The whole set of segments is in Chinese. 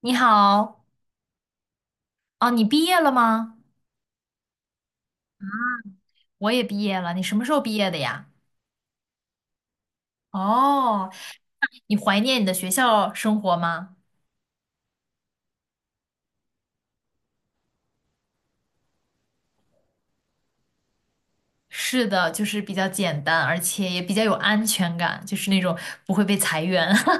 你好。哦，你毕业了吗？我也毕业了，你什么时候毕业的呀？哦，你怀念你的学校生活吗？是的，就是比较简单，而且也比较有安全感，就是那种不会被裁员。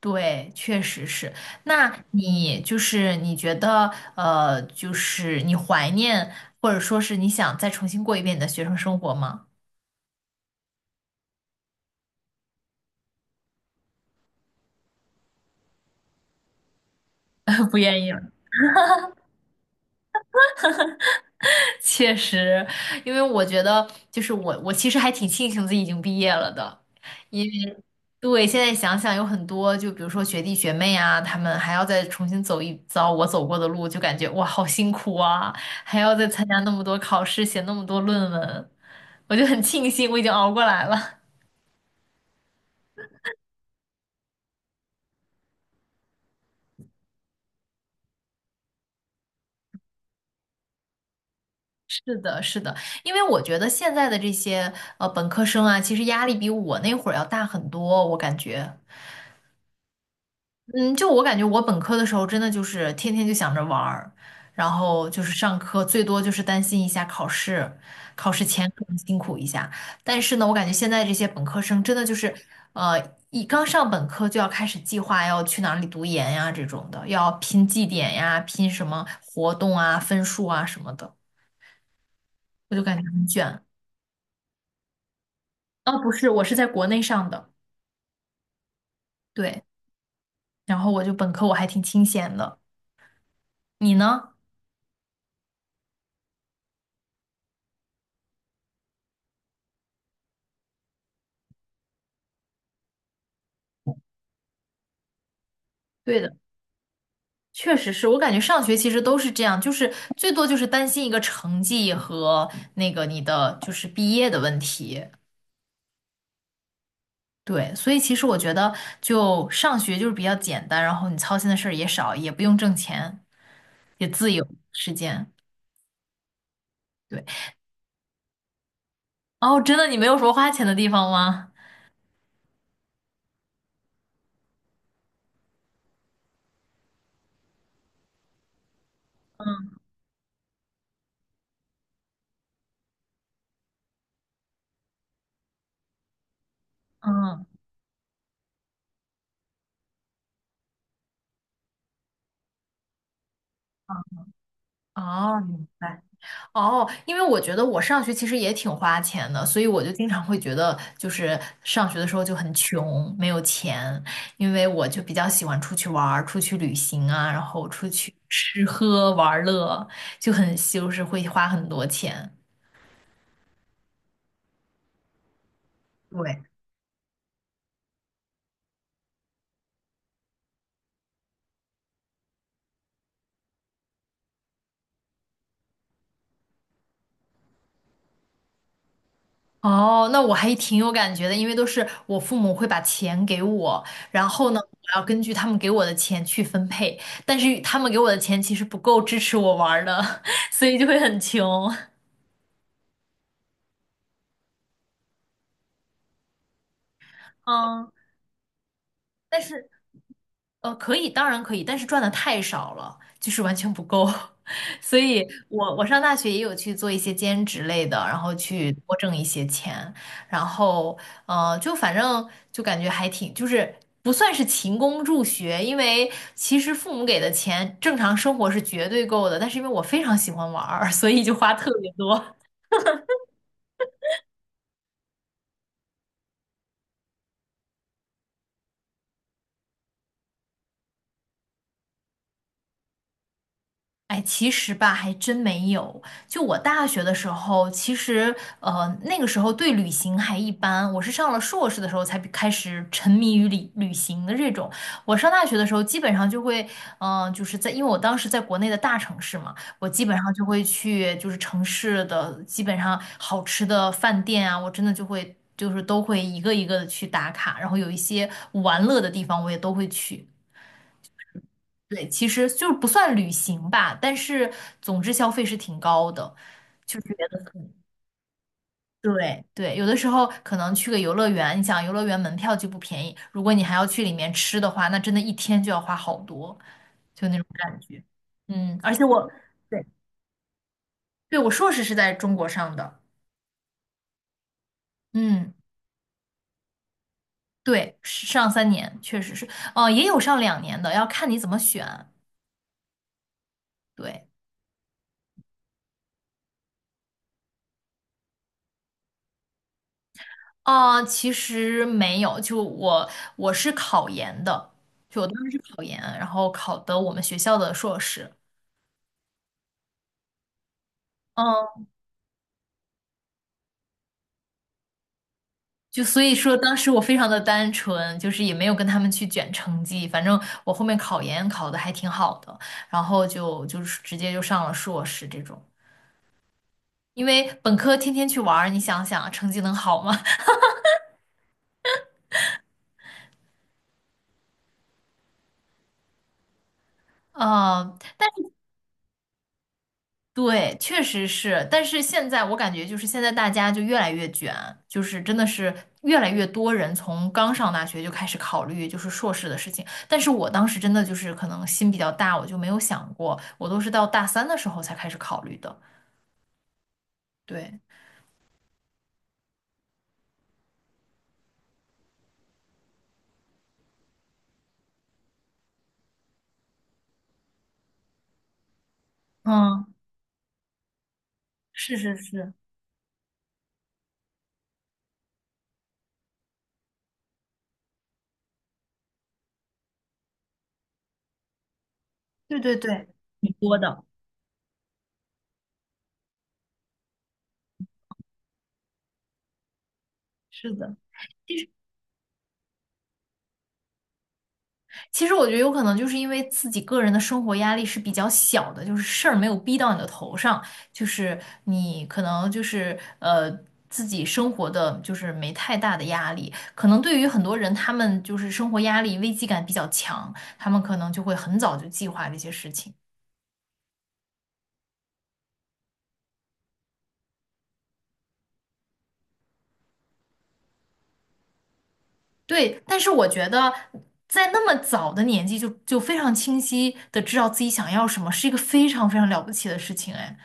对，确实是。那你就是你觉得，就是你怀念，或者说是你想再重新过一遍你的学生生活吗？不愿意了。确实，因为我觉得，就是我,其实还挺庆幸自己已经毕业了的。对，现在想想有很多，就比如说学弟学妹啊，他们还要再重新走一遭我走过的路，就感觉哇，好辛苦啊，还要再参加那么多考试，写那么多论文，我就很庆幸我已经熬过来了。是的，是的，因为我觉得现在的这些本科生啊，其实压力比我那会儿要大很多，我感觉。嗯，就我感觉，我本科的时候真的就是天天就想着玩儿，然后就是上课，最多就是担心一下考试，考试前可能辛苦一下。但是呢，我感觉现在这些本科生真的就是，呃，一刚上本科就要开始计划要去哪里读研呀这种的，要拼绩点呀，拼什么活动啊、分数啊什么的，我就感觉很卷。啊。不是，我是在国内上的，对，然后我就本科我还挺清闲的，你呢？对的。确实是我感觉上学其实都是这样，就是最多就是担心一个成绩和那个你的就是毕业的问题。对，所以其实我觉得就上学就是比较简单，然后你操心的事儿也少，也不用挣钱，也自由时间。对。哦，真的你没有什么花钱的地方吗？嗯。嗯嗯哦，明白。哦，因为我觉得我上学其实也挺花钱的，所以我就经常会觉得，就是上学的时候就很穷，没有钱，因为我就比较喜欢出去玩儿、出去旅行啊，然后出去吃喝玩乐，就很就是会花很多钱。对。哦，那我还挺有感觉的，因为都是我父母会把钱给我，然后呢，我要根据他们给我的钱去分配，但是他们给我的钱其实不够支持我玩儿的，所以就会很穷。嗯。但是可以，当然可以，但是赚的太少了，就是完全不够。所以我上大学也有去做一些兼职类的，然后去多挣一些钱，然后就反正就感觉还挺，就是不算是勤工助学，因为其实父母给的钱正常生活是绝对够的，但是因为我非常喜欢玩儿，所以就花特别多。哎，其实吧，还真没有。就我大学的时候，其实那个时候对旅行还一般。我是上了硕士的时候才比开始沉迷于旅行的这种。我上大学的时候，基本上就会，就是在，因为我当时在国内的大城市嘛，我基本上就会去，就是城市的基本上好吃的饭店啊，我真的就会，就是都会一个一个的去打卡，然后有一些玩乐的地方，我也都会去。对，其实就是不算旅行吧，但是总之消费是挺高的，就觉得很对对，有的时候可能去个游乐园，你想游乐园门票就不便宜，如果你还要去里面吃的话，那真的一天就要花好多，就那种感觉。嗯，而且我对对我硕士是在中国上的。嗯，对，是上三年确实是，哦、也有上两年的，要看你怎么选。对。啊，其实没有，就我是考研的，就我当时是考研，然后考的我们学校的硕士。嗯，就所以说当时我非常的单纯，就是也没有跟他们去卷成绩，反正我后面考研考的还挺好的，然后就是直接就上了硕士这种，因为本科天天去玩儿你想想成绩能好吗？嗯，对，确实是，但是现在我感觉就是现在大家就越来越卷，就是真的是越来越多人从刚上大学就开始考虑就是硕士的事情，但是我当时真的就是可能心比较大，我就没有想过，我都是到大三的时候才开始考虑的。对。嗯，是是是，对对对，挺多的，是的。其实我觉得有可能就是因为自己个人的生活压力是比较小的，就是事儿没有逼到你的头上，就是你可能就是自己生活的就是没太大的压力。可能对于很多人，他们就是生活压力危机感比较强，他们可能就会很早就计划这些事情。对，但是我觉得在那么早的年纪就非常清晰的知道自己想要什么，是一个非常非常了不起的事情，哎。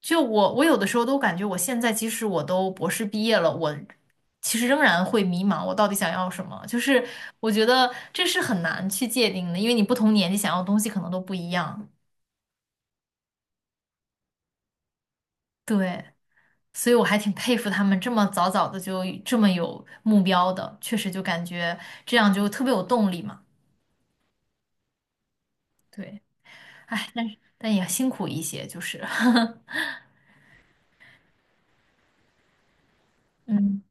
就我有的时候都感觉，我现在即使我都博士毕业了，我其实仍然会迷茫，我到底想要什么？就是我觉得这是很难去界定的，因为你不同年纪想要的东西可能都不一样。对，所以我还挺佩服他们这么早早的就这么有目标的，确实就感觉这样就特别有动力嘛。对，但也辛苦一些，就是，嗯，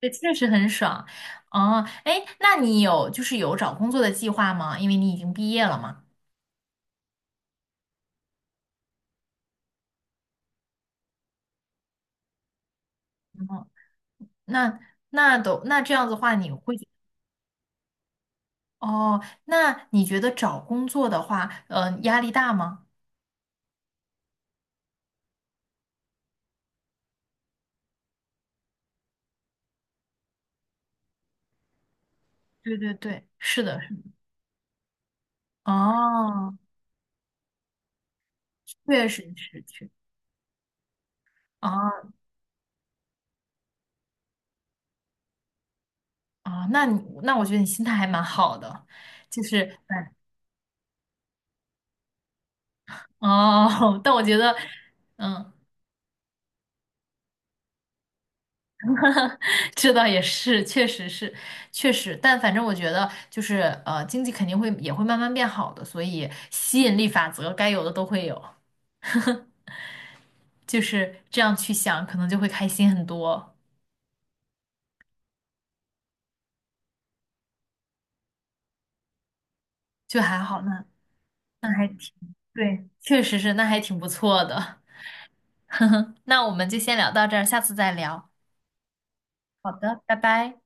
这确实很爽。哦，哎，那你有就是有找工作的计划吗？因为你已经毕业了嘛。那那都那这样子的话，你会觉哦？那你觉得找工作的话，压力大吗？对对对，是的，是的。哦，确实是去哦哦，那你那我觉得你心态还蛮好的，就是哎哦，但我觉得嗯。这倒也是，确实是，确实，但反正我觉得就是经济肯定会也会慢慢变好的，所以吸引力法则该有的都会有。就是这样去想，可能就会开心很多，就还好呢，那还挺，对，确实是，那还挺不错的。呵呵，那我们就先聊到这儿，下次再聊，好的，拜拜。